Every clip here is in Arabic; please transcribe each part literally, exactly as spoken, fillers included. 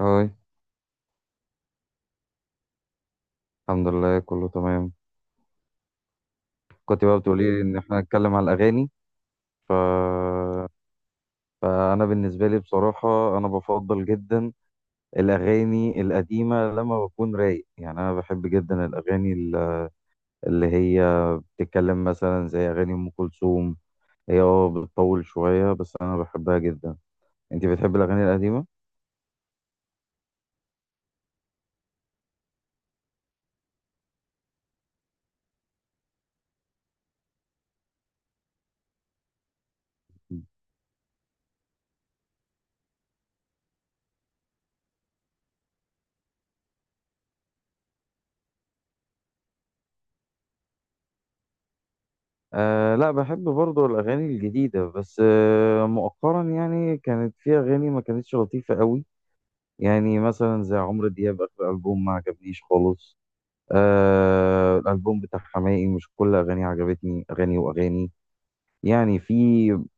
هاي. الحمد لله كله تمام. كنت بقى بتقولي لي ان احنا نتكلم على الاغاني، ف... فانا بالنسبه لي بصراحه انا بفضل جدا الاغاني القديمه لما بكون رايق. يعني انا بحب جدا الاغاني ال- اللي هي بتتكلم مثلا زي اغاني ام كلثوم. هي اه بتطول شويه بس انا بحبها جدا. انت بتحب الاغاني القديمه؟ آه، لا بحب برضو الأغاني الجديدة بس آه مؤخرا يعني كانت في أغاني ما كانتش لطيفة قوي. يعني مثلا زي عمرو دياب آخر ألبوم ما عجبنيش خالص. آه الألبوم بتاع حماقي مش كل أغانيه عجبتني، أغاني وأغاني. يعني في،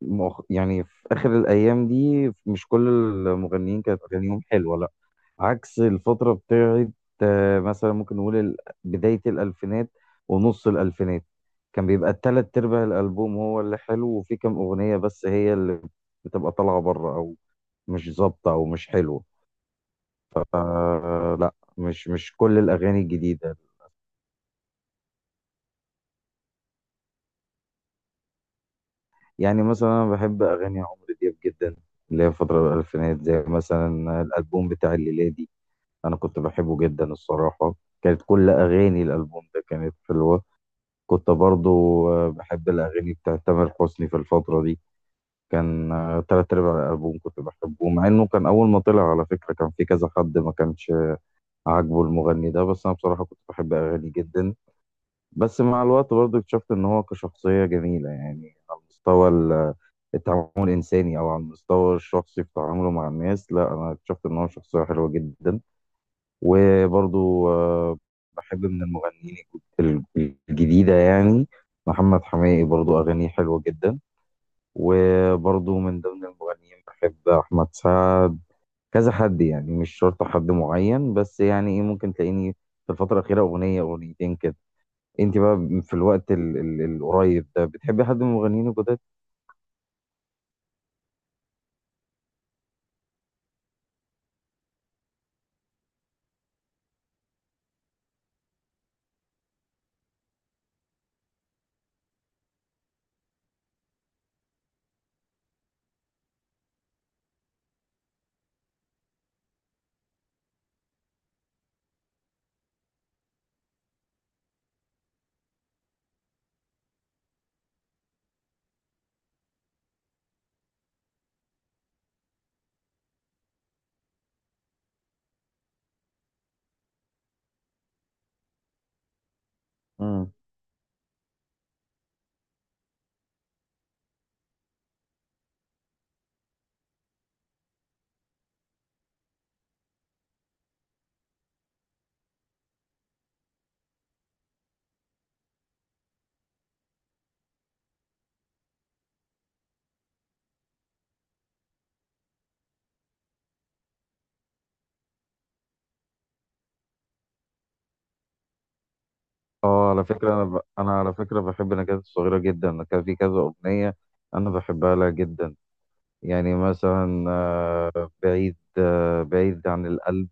مؤخ... يعني في آخر الأيام دي مش كل المغنيين كانت أغانيهم حلوة، لأ. عكس الفترة بتاعت، آه مثلا ممكن نقول ال- بداية الألفينات ونص الألفينات. كان بيبقى التلات أرباع الألبوم هو اللي حلو، وفي كام أغنية بس هي اللي بتبقى طالعة بره أو مش ظابطة أو مش حلوة. آه لا، مش مش كل الأغاني الجديدة. يعني مثلا أنا بحب أغاني عمرو دياب جدا، اللي هي فترة الألفينات، زي مثلا الألبوم بتاع الليلة دي. أنا كنت بحبه جدا الصراحة، كانت كل أغاني الألبوم ده كانت حلوة. كنت برضو آه، بحب الأغاني بتاعت تامر حسني في الفترة دي. كان آه، تلات أرباع الألبوم كنت بحبه، مع إنه كان أول ما طلع على فكرة كان في كذا حد ما كانش عاجبه المغني ده، بس أنا بصراحة كنت بحب أغاني جدا. بس مع الوقت برضو اكتشفت ان هو كشخصية جميلة، يعني على مستوى ال- التعامل الانساني او على المستوى الشخصي في تعامله مع الناس. لا انا اكتشفت ان هو شخصية حلوة جدا. وبرضو آه، بحب من المغنيين الج- الج- الجديدة يعني، محمد حماقي برضو اغانيه حلوة جدا. وبرضو من ضمن المغنيين بحب احمد سعد، كذا حد يعني، مش شرط حد معين. بس يعني ايه، ممكن تلاقيني في الفترة الأخيرة أغنية أغنيتين كده. انت بقى في الوقت ال ال القريب ده بتحبي حد من المغنيين الجداد؟ امم اه، على فكره انا ب... انا على فكره بحب نجاة الصغيره جدا. أنا كان في كذا اغنيه انا بحبها لها جدا. يعني مثلا آه، بعيد، آه، بعيد عن القلب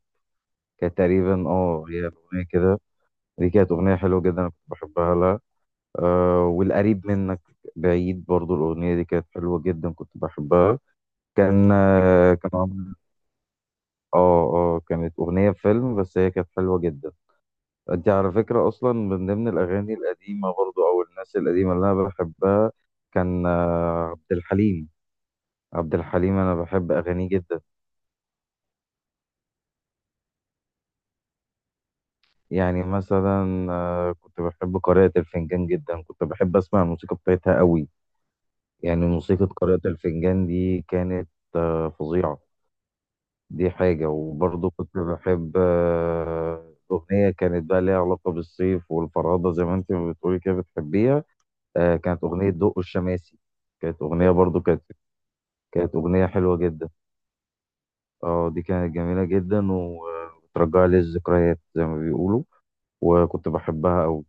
كانت تقريبا، اه هي الاغنيه كده. دي كانت اغنيه حلوه جدا، انا كنت بحبها لها. آه والقريب منك بعيد برضو الاغنيه دي كانت حلوه جدا، كنت بحبها. كان آه، كان عامل- اه اه كانت اغنيه فيلم بس هي كانت حلوه جدا. انت على فكرة اصلا من ضمن الاغاني القديمة برضو او الناس القديمة اللي انا بحبها كان آه، عبد الحليم. عبد الحليم انا بحب اغانيه جدا. يعني مثلا آه، كنت بحب قارئة الفنجان جدا، كنت بحب اسمع الموسيقى بتاعتها قوي. يعني موسيقى قارئة الفنجان دي كانت آه، فظيعة. دي حاجة، وبرضو كنت بحب آه، أغنية كانت بقى ليها علاقة بالصيف والفرادة، زي ما انت بتقولي كده بتحبيها. آه، كانت أغنية دق الشماسي. كانت أغنية برضو كانت كانت أغنية حلوة جدا. اه دي كانت جميلة جدا، وبترجع لي الذكريات زي ما بيقولوا، وكنت بحبها أوي.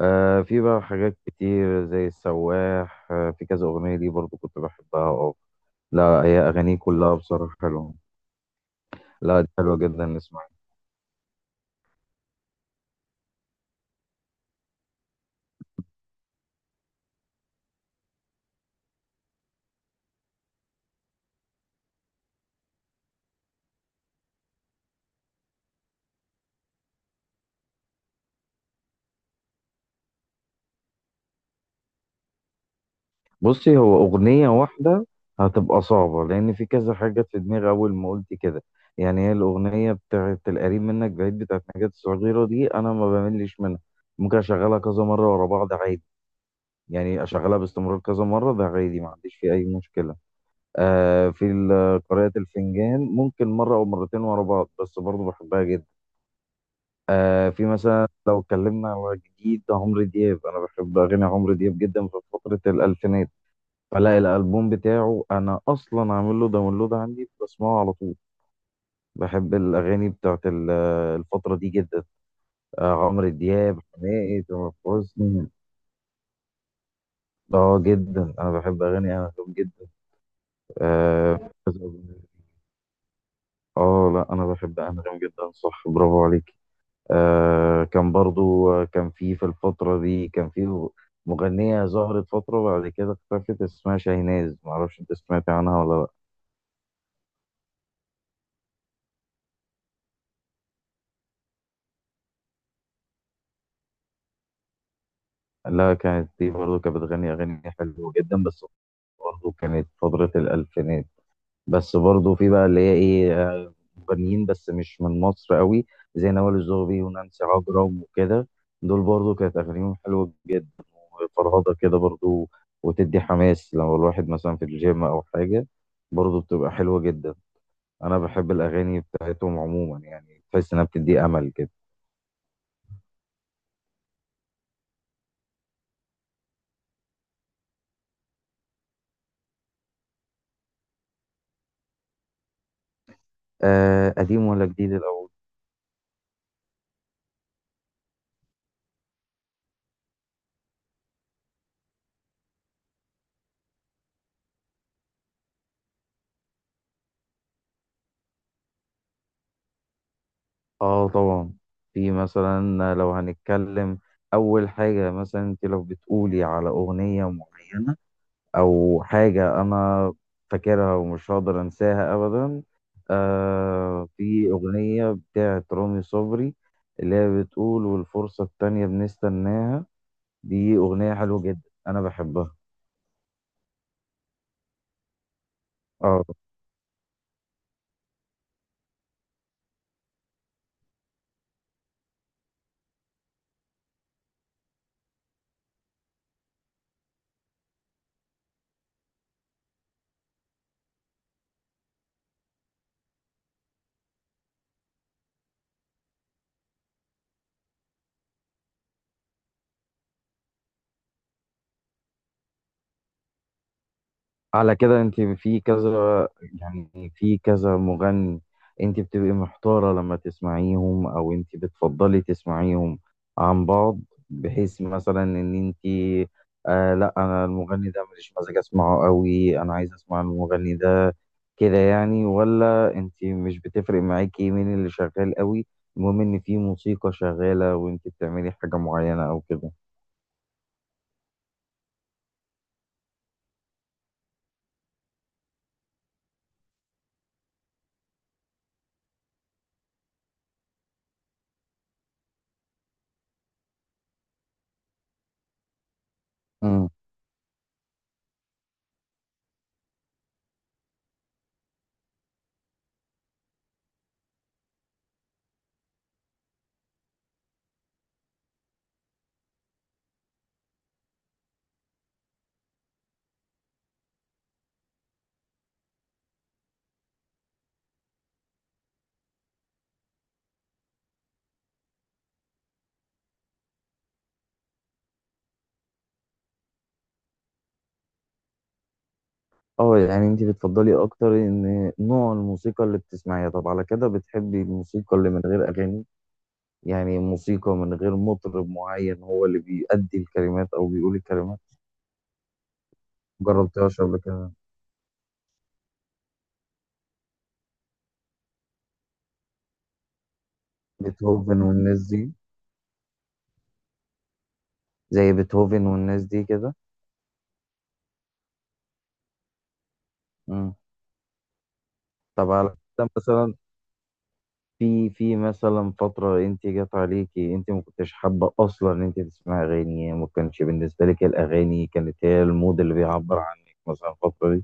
آه في بقى حاجات كتير زي السواح. آه في كذا أغنية دي برضو كنت بحبها. اه لا هي أغانيه كلها بصراحة حلوة. لا دي حلوة جدا، نسمعها. بصي، هو أغنية واحدة هتبقى صعبة لأن في كذا حاجة في دماغي أول ما قلت كده. يعني هي الأغنية بتاعت القريب منك بعيد بتاعت نجاة الصغيرة دي أنا ما بملش منها، ممكن أشغلها كذا مرة ورا بعض عادي. يعني اشغلها باستمرار كذا مره ده عادي، ما عنديش فيه اي مشكله. آه في ال- قراءه الفنجان ممكن مره او مرتين ورا بعض، بس برضو بحبها جدا. آه في مثلا لو اتكلمنا على جديد عمرو دياب، انا بحب اغاني عمرو دياب جدا في فتره الالفينات. فلا الالبوم بتاعه انا اصلا عامل له داونلود عندي، بسمعه على طول. بحب الاغاني بتاعت ال- الفتره دي جدا، آه عمرو دياب، حماقي، تامر حسني. اه جدا انا بحب اغاني عمرو دياب جدا. آه اه لا انا بحب انغام جدا، صح، برافو عليك. آه، كان برضو آه، كان في في الفتره دي كان في مغنيه ظهرت فتره وبعد كده اختفت اسمها شاهناز، معرفش انت سمعت عنها ولا. لا لا، كانت دي برضو كانت بتغني اغاني حلوه جدا، بس برضو كانت فتره الالفينات. بس برضو في بقى اللي هي ايه، آه، مغنيين بس مش من مصر قوي زي نوال الزغبي ونانسي عجرم وكده. دول برضو كانت اغانيهم حلوه جدا، فرهضة كده برضو، وتدي حماس لو الواحد مثلا في الجيم أو حاجة، برضو بتبقى حلوة جدا. أنا بحب الأغاني بتاعتهم عموما يعني، تحس إنها بتدي أمل كده. آه قديم ولا جديد الأول؟ آه طبعا في مثلا لو هنتكلم، أول حاجة مثلا أنت لو بتقولي على أغنية معينة او حاجه انا فاكرها ومش هقدر انساها ابدا. آه في اغنيه بتاعه رامي صبري اللي هي بتقول والفرصه التانية بنستناها، دي اغنيه حلوه جدا انا بحبها. اه على كده انت في كذا، يعني في كذا مغني، انت بتبقي محتارة لما تسمعيهم او انت بتفضلي تسمعيهم عن بعض، بحيث مثلا ان انت آه لا انا المغني ده ماليش مزاج اسمعه قوي، انا عايز اسمع المغني ده كده يعني؟ ولا انت مش بتفرق معاكي مين اللي شغال قوي، المهم ان في موسيقى شغالة وانت بتعملي حاجة معينة او كده. اه يعني انت بتفضلي اكتر ان نوع الموسيقى اللي بتسمعيها. طب على كده بتحبي الموسيقى اللي من غير اغاني؟ يعني موسيقى من غير مطرب معين هو اللي بيأدي الكلمات او بيقول الكلمات. جربتهاش قبل كده؟ بيتهوفن والناس دي؟ زي بيتهوفن والناس دي كده. امم طب على كده مثلا، في في مثلا فترة انت جت عليكي انت ما كنتش حابة اصلا ان انت تسمعي اغاني، ما كانش بالنسبة لك الاغاني كانت هي المود اللي بيعبر عنك مثلا الفترة دي؟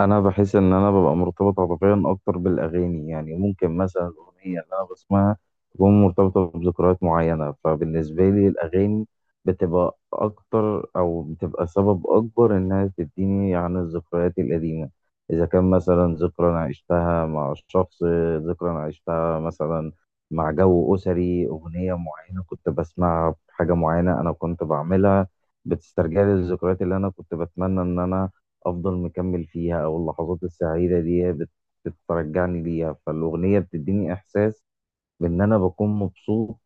انا بحس ان انا ببقى مرتبط عاطفيا اكتر بالاغاني. يعني ممكن مثلا الاغنيه اللي انا بسمعها تكون مرتبطه بذكريات معينه، فبالنسبه لي الاغاني بتبقى اكتر او بتبقى سبب اكبر انها تديني عن الذكريات القديمه. اذا كان مثلا ذكرى انا عشتها مع الشخص، ذكرى انا عشتها مثلا مع جو اسري، اغنيه معينه كنت بسمعها بحاجه معينه انا كنت بعملها، بتسترجع لي الذكريات اللي انا كنت بتمنى ان انا افضل مكمل فيها، او اللحظات السعيده دي بت- بترجعني ليها. فالاغنيه بتديني احساس بان انا بكون مبسوط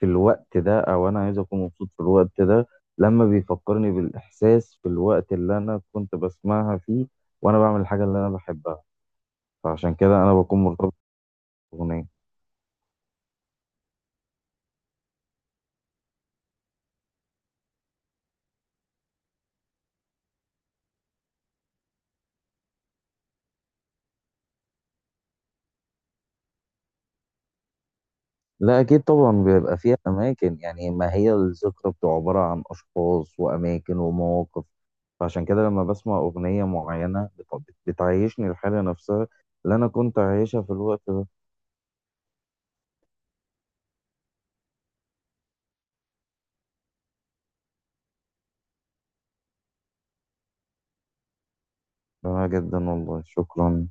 في الوقت ده، او انا عايز اكون مبسوط في الوقت ده لما بيفكرني بالاحساس في الوقت اللي انا كنت بسمعها فيه وانا بعمل الحاجه اللي انا بحبها. فعشان كده انا بكون مرتبط بالاغنيه. لا أكيد طبعا بيبقى فيها أماكن، يعني ما هي الذكرى بتبقى عبارة عن أشخاص وأماكن ومواقف. فعشان كده لما بسمع أغنية معينة بت- بتعيشني الحالة نفسها اللي أنا كنت عايشها في الوقت ده. جميل جدا والله، شكرا.